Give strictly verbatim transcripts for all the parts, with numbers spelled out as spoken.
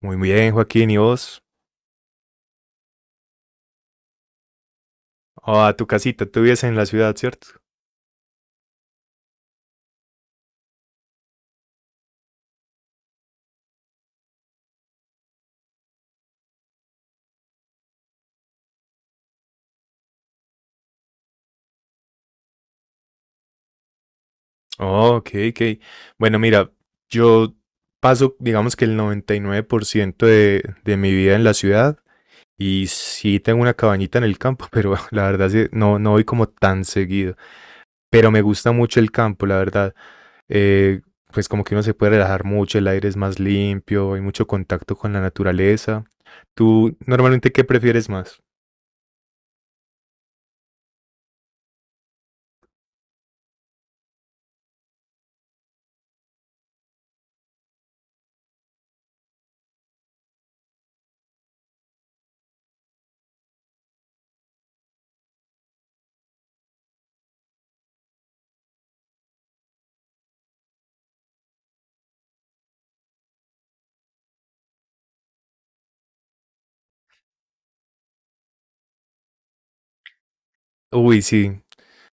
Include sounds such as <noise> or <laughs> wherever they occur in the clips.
Muy bien, Joaquín, ¿y vos? Oh, a tu casita, tú vives en la ciudad, ¿cierto? Oh, ok, ok. Bueno, mira, yo paso, digamos que el noventa y nueve por ciento de, de mi vida en la ciudad, y sí tengo una cabañita en el campo, pero <laughs> la verdad sí, no, no voy como tan seguido. Pero me gusta mucho el campo, la verdad. Eh, pues como que uno se puede relajar mucho, el aire es más limpio, hay mucho contacto con la naturaleza. ¿Tú normalmente qué prefieres más? Uy, sí.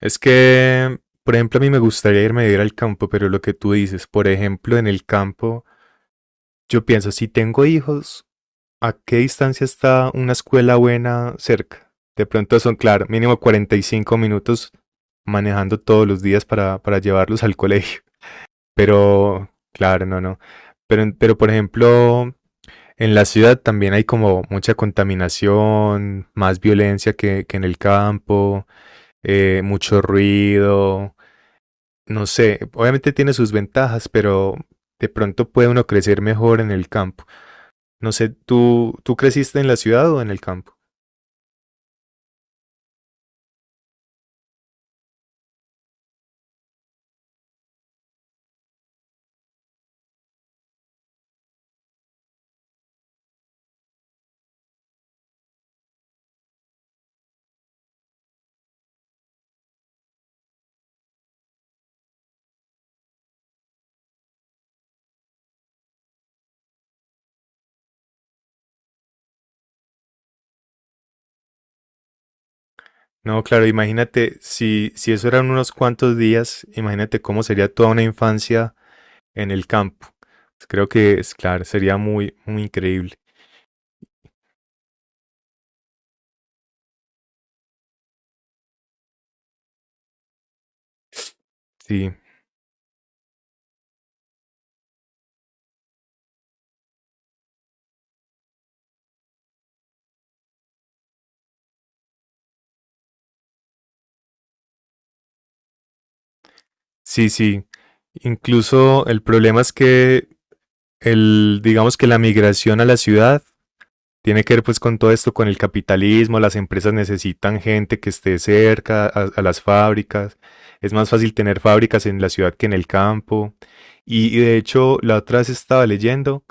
Es que, por ejemplo, a mí me gustaría irme a vivir al campo, pero lo que tú dices, por ejemplo, en el campo, yo pienso, si tengo hijos, ¿a qué distancia está una escuela buena cerca? De pronto son, claro, mínimo cuarenta y cinco minutos manejando todos los días para, para llevarlos al colegio. <laughs> Pero, claro, no, no. Pero, pero, por ejemplo, en la ciudad también hay como mucha contaminación, más violencia que, que en el campo, eh, mucho ruido, no sé, obviamente tiene sus ventajas, pero de pronto puede uno crecer mejor en el campo. No sé, ¿tú, tú creciste en la ciudad o en el campo? No, claro, imagínate, si, si eso eran unos cuantos días, imagínate cómo sería toda una infancia en el campo. Pues creo que es claro, sería muy, muy increíble. Sí, sí, sí. Incluso el problema es que el, digamos que la migración a la ciudad tiene que ver pues con todo esto, con el capitalismo, las empresas necesitan gente que esté cerca a, a las fábricas, es más fácil tener fábricas en la ciudad que en el campo. Y, y de hecho, la otra vez estaba leyendo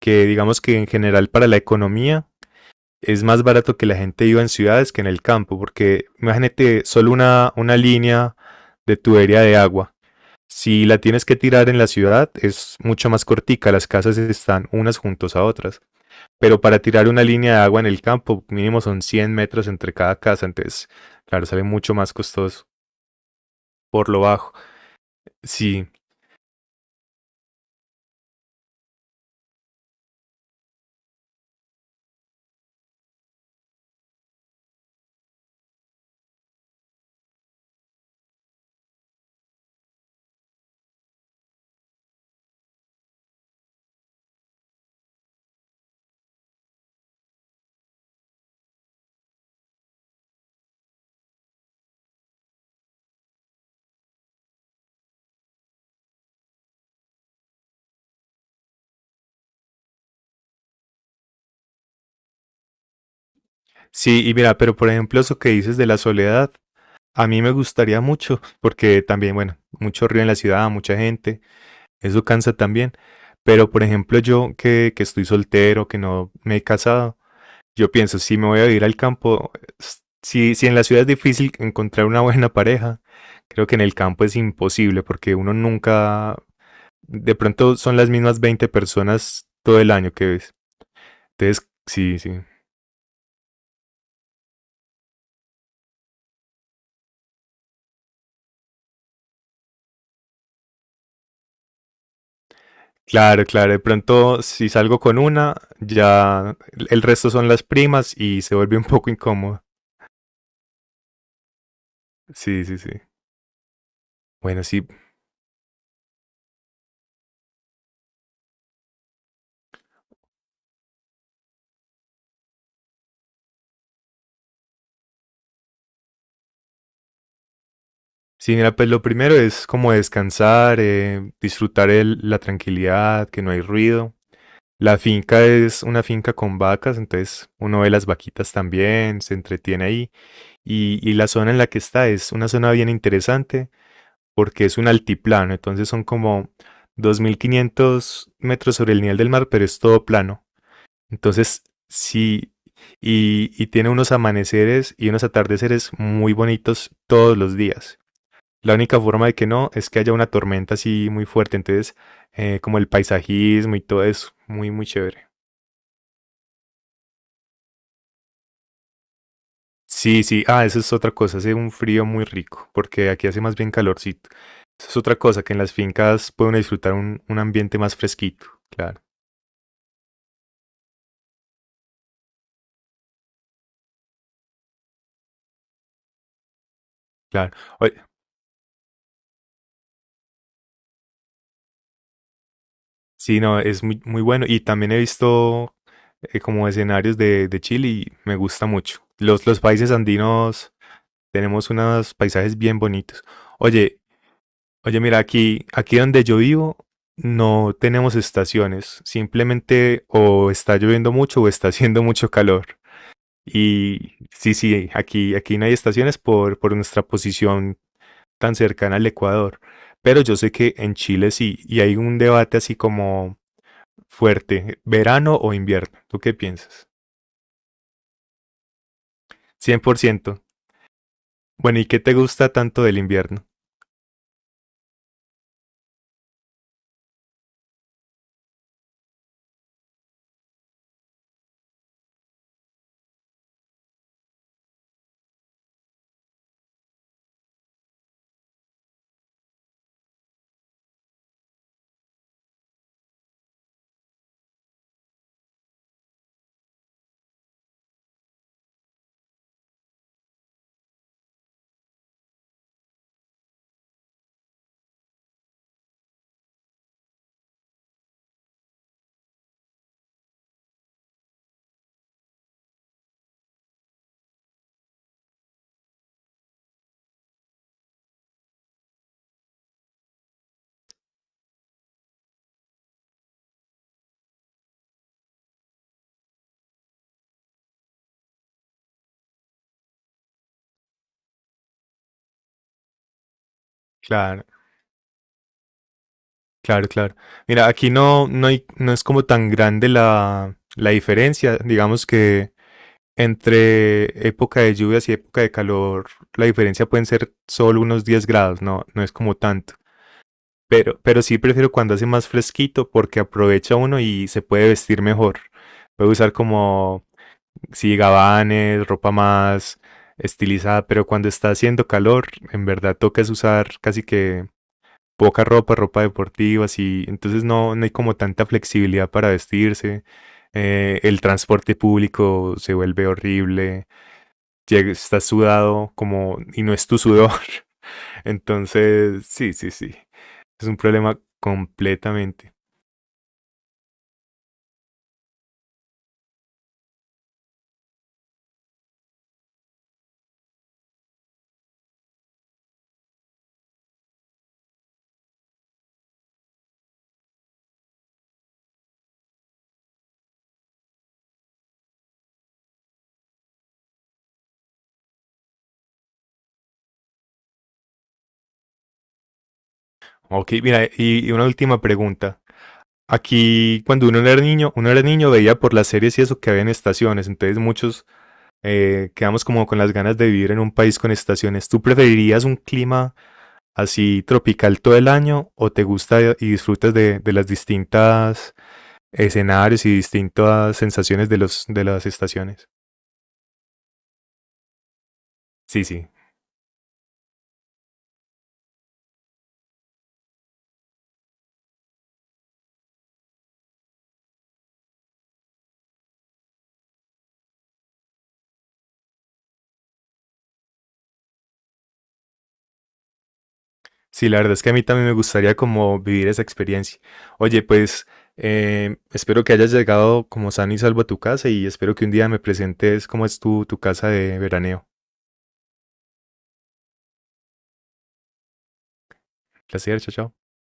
que digamos que en general para la economía es más barato que la gente viva en ciudades que en el campo, porque imagínate solo una, una línea de tubería de agua. Si la tienes que tirar en la ciudad, es mucho más cortica, las casas están unas juntas a otras, pero para tirar una línea de agua en el campo mínimo son cien metros entre cada casa. Entonces, claro, sale mucho más costoso por lo bajo. Sí, sí, y mira, pero por ejemplo eso que dices de la soledad, a mí me gustaría mucho, porque también, bueno, mucho río en la ciudad, mucha gente, eso cansa también. Pero por ejemplo yo que, que estoy soltero, que no me he casado, yo pienso, si me voy a ir al campo, s- si, si en la ciudad es difícil encontrar una buena pareja, creo que en el campo es imposible, porque uno nunca, de pronto son las mismas veinte personas todo el año que ves. Entonces, sí, sí. Claro, claro. De pronto, si salgo con una, ya el resto son las primas y se vuelve un poco incómodo. Sí, sí, sí. Bueno, sí. Sí, mira, pues lo primero es como descansar, eh, disfrutar el- la tranquilidad, que no hay ruido. La finca es una finca con vacas, entonces uno ve las vaquitas también, se entretiene ahí. Y, y la zona en la que está es una zona bien interesante, porque es un altiplano, entonces son como dos mil quinientos metros sobre el nivel del mar, pero es todo plano. Entonces, sí, y, y tiene unos amaneceres y unos atardeceres muy bonitos todos los días. La única forma de que no es que haya una tormenta así muy fuerte. Entonces, eh, como el paisajismo y todo eso, muy, muy chévere. Sí, sí, ah, eso es otra cosa, hace un frío muy rico, porque aquí hace más bien calorcito. Eso es otra cosa, que en las fincas pueden disfrutar un, un ambiente más fresquito, claro. Claro. Oye, sí, no, es muy, muy bueno. Y también he visto eh, como escenarios de, de Chile y me gusta mucho. Los, los países andinos tenemos unos paisajes bien bonitos. Oye, oye, mira, aquí, aquí donde yo vivo no tenemos estaciones. Simplemente o está lloviendo mucho o está <laughs> haciendo mucho calor. Y sí, sí, aquí, aquí no hay estaciones por, por nuestra posición tan cercana al Ecuador. Pero yo sé que en Chile sí, y hay un debate así como fuerte, verano o invierno. ¿Tú qué piensas? cien por ciento. Bueno, ¿y qué te gusta tanto del invierno? Claro, claro, claro. Mira, aquí no, no, hay- no es como tan grande la, la diferencia. Digamos que entre época de lluvias y época de calor, la diferencia pueden ser solo unos diez grados, no, no es como tanto. Pero, pero sí prefiero cuando hace más fresquito porque aprovecha uno y se puede vestir mejor. Puede usar como sí, gabanes, ropa más estilizada, pero cuando está haciendo calor, en verdad toca es usar casi que poca ropa, ropa deportiva, así, entonces no, no hay como tanta flexibilidad para vestirse. Eh, el transporte público se vuelve horrible, llega- estás sudado como y no es tu sudor. <laughs> Entonces, sí, sí, sí, es un problema completamente. Ok, mira, y, y una última pregunta. Aquí, cuando uno era niño, uno era niño, veía por las series y eso que había en estaciones. Entonces muchos eh, quedamos como con las ganas de vivir en un país con estaciones. ¿Tú preferirías un clima así tropical todo el año o te gusta y disfrutas de, de las distintas escenarios y distintas sensaciones de, los, de las estaciones? Sí, sí. Sí, la verdad es que a mí también me gustaría como vivir esa experiencia. Oye, pues eh, espero que hayas llegado como sano y salvo a tu casa y espero que un día me presentes cómo es tu, tu casa de veraneo. Placer, chao, chao.